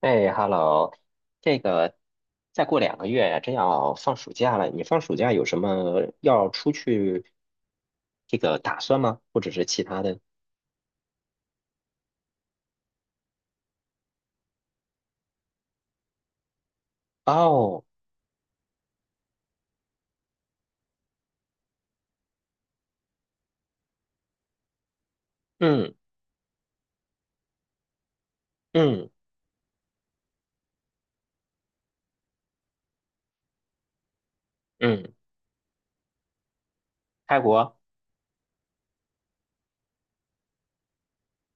哎，Hello，这个再过两个月真要放暑假了，你放暑假有什么要出去这个打算吗？或者是其他的？哦，嗯嗯嗯，泰国，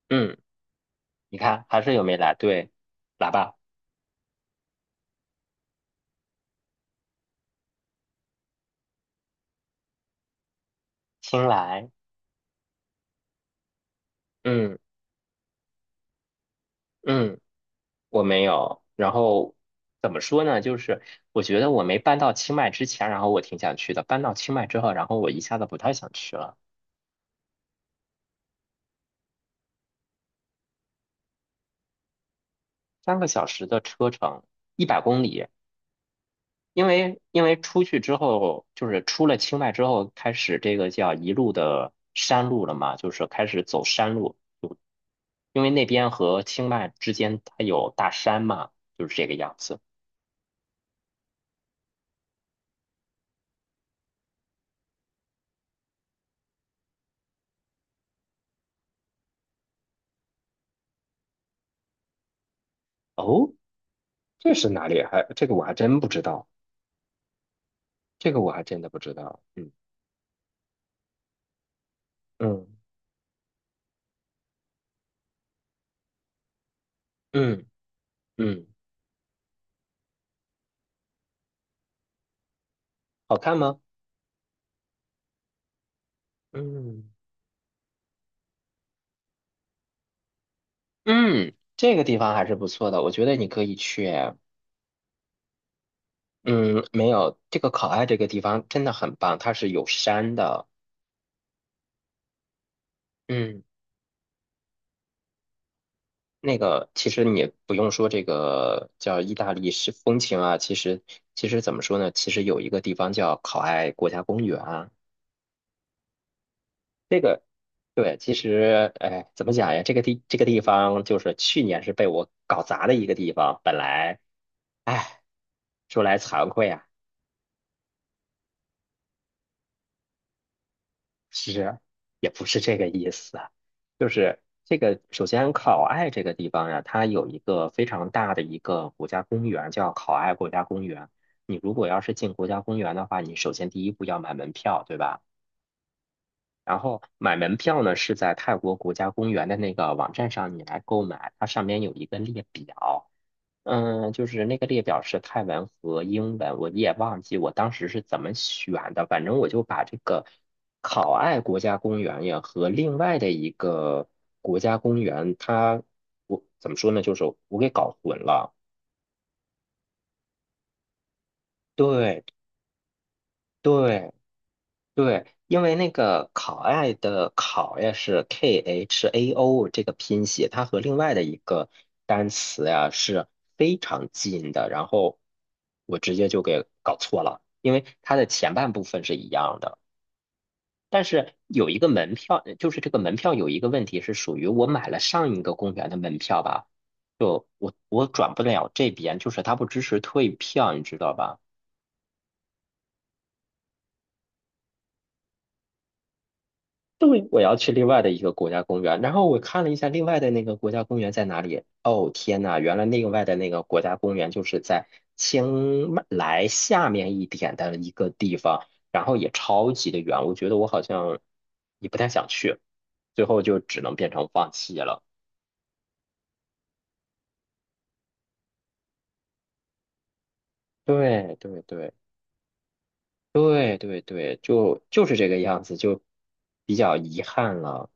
嗯，你看还是有没来？对，来吧，新来，嗯嗯，我没有。然后怎么说呢？就是我觉得我没搬到清迈之前，然后我挺想去的；搬到清迈之后，然后我一下子不太想去了。3个小时的车程，100公里。因为出去之后，就是出了清迈之后，开始这个叫一路的山路了嘛，就是开始走山路。因为那边和清迈之间它有大山嘛，就是这个样子。哦，这是哪里啊？还这个我还真不知道，这个我还真的不知道。嗯嗯嗯嗯好看吗？嗯嗯，这个地方还是不错的，我觉得你可以去。嗯，没有，这个考爱这个地方真的很棒，它是有山的。嗯，那个其实你不用说这个叫意大利式风情啊，其实怎么说呢？其实有一个地方叫考爱国家公园啊，这个对，其实哎，怎么讲呀？这个地方就是去年是被我搞砸的一个地方，本来哎，说来惭愧啊。是，也不是这个意思啊，就是这个首先考爱这个地方呀，它有一个非常大的一个国家公园叫考爱国家公园。你如果要是进国家公园的话，你首先第一步要买门票，对吧？然后买门票呢是在泰国国家公园的那个网站上你来购买，它上面有一个列表，嗯，就是那个列表是泰文和英文，我也忘记我当时是怎么选的。反正我就把这个考爱国家公园呀和另外的一个国家公园，它我怎么说呢？就是我给搞混了。对对，对，因为那个考爱的考呀是 K H A O 这个拼写，它和另外的一个单词呀是非常近的，然后我直接就给搞错了，因为它的前半部分是一样的，但是有一个门票，就是这个门票有一个问题是属于我买了上一个公园的门票吧，就我转不了这边，就是它不支持退票，你知道吧？对，我要去另外的一个国家公园，然后我看了一下另外的那个国家公园在哪里。哦，天呐，原来另外的那个国家公园就是在清迈来下面一点的一个地方，然后也超级的远，我觉得我好像也不太想去，最后就只能变成放弃了。对对对对对对，就就是这个样子，就比较遗憾了。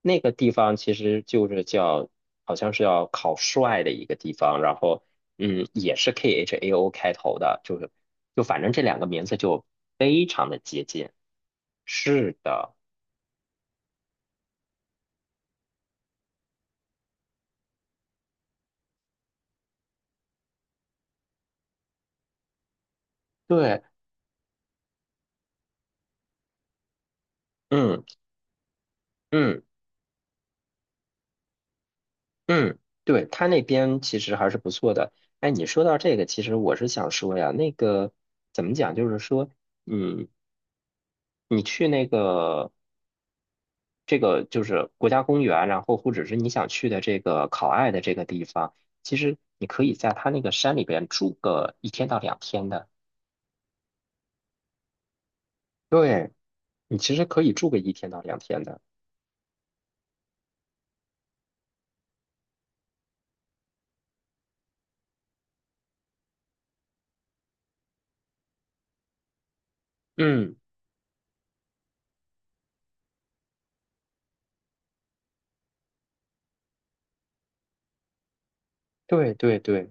那个地方其实就是叫，好像是要考帅的一个地方，然后嗯，也是 K H A O 开头的，就是就反正这两个名字就非常的接近。是的，对，嗯嗯嗯，对，他那边其实还是不错的。哎，你说到这个，其实我是想说呀，那个怎么讲，就是说，嗯。你去那个这个就是国家公园，然后或者是你想去的这个考爱的这个地方，其实你可以在它那个山里边住个一天到两天的。对，你其实可以住个一天到两天的。嗯，对对对。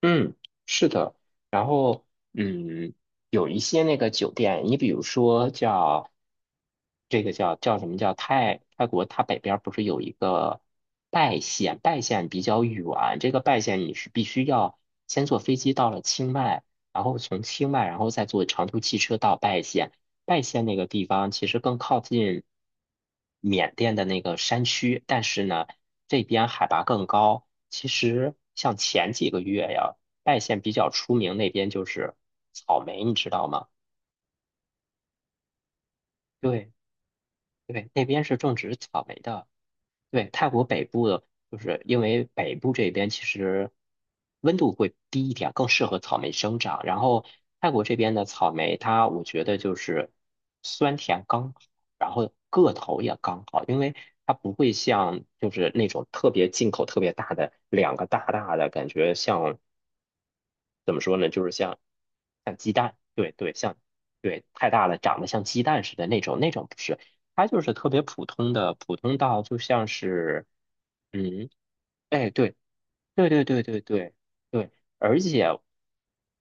嗯，是的。然后，嗯，有一些那个酒店，你比如说叫这个叫什么叫泰国，它北边儿不是有一个拜县，拜县比较远，这个拜县你是必须要先坐飞机到了清迈，然后从清迈，然后再坐长途汽车到拜县。拜县那个地方其实更靠近缅甸的那个山区，但是呢，这边海拔更高。其实像前几个月呀。外县比较出名，那边就是草莓，你知道吗？对对，那边是种植草莓的。对，泰国北部的，就是因为北部这边其实温度会低一点，更适合草莓生长。然后泰国这边的草莓，它我觉得就是酸甜刚好，然后个头也刚好，因为它不会像就是那种特别进口特别大的两个大大的感觉像，怎么说呢，就是像鸡蛋，对对，像对太大了，长得像鸡蛋似的那种，那种不是，它就是特别普通的，普通到就像是，嗯，哎，对对对对对对对，而且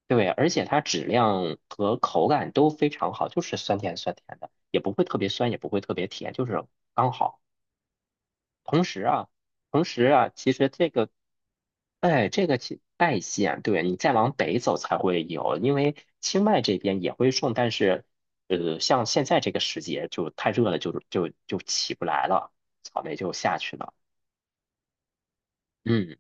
对，而且它质量和口感都非常好，就是酸甜酸甜的，也不会特别酸，也不会特别甜，就是刚好。同时啊，同时啊，其实这个哎，这个其拜县，对，你再往北走才会有，因为清迈这边也会种，但是，像现在这个时节就太热了，就起不来了，草莓就下去了。嗯，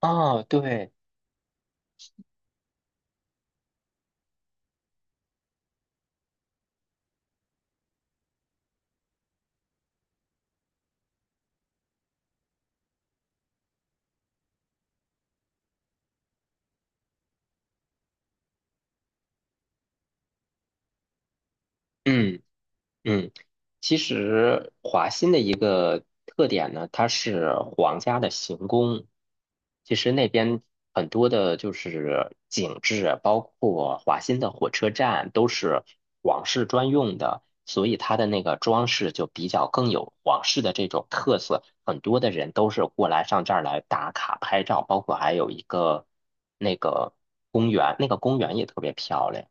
哦，对，嗯。嗯，其实华欣的一个特点呢，它是皇家的行宫。其实那边很多的就是景致，包括华欣的火车站都是皇室专用的，所以它的那个装饰就比较更有皇室的这种特色。很多的人都是过来上这儿来打卡拍照，包括还有一个那个公园，那个公园也特别漂亮。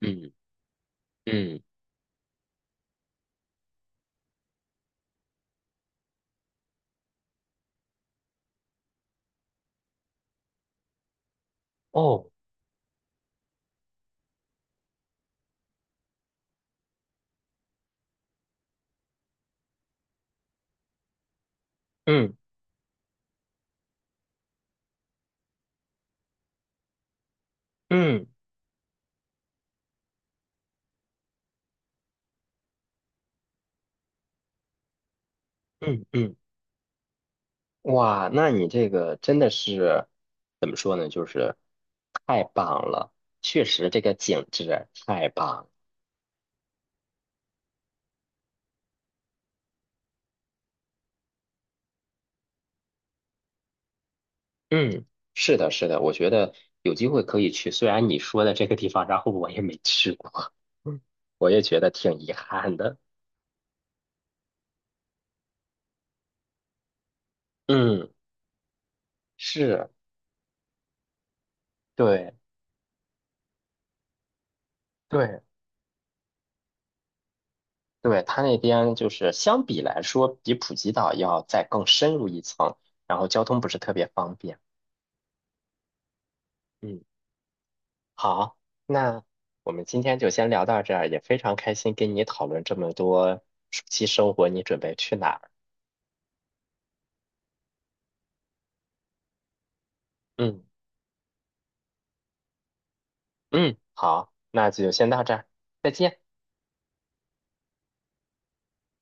嗯嗯，哦，嗯嗯。嗯嗯，哇，那你这个真的是怎么说呢？就是太棒了，确实这个景致太棒。嗯，是的，是的，我觉得有机会可以去，虽然你说的这个地方，然后我也没去过，我也觉得挺遗憾的。嗯，是，对对对，它那边就是相比来说，比普吉岛要再更深入一层，然后交通不是特别方便。嗯。好，那我们今天就先聊到这儿，也非常开心跟你讨论这么多暑期生活，你准备去哪儿？嗯嗯，好，那就先到这儿，再见。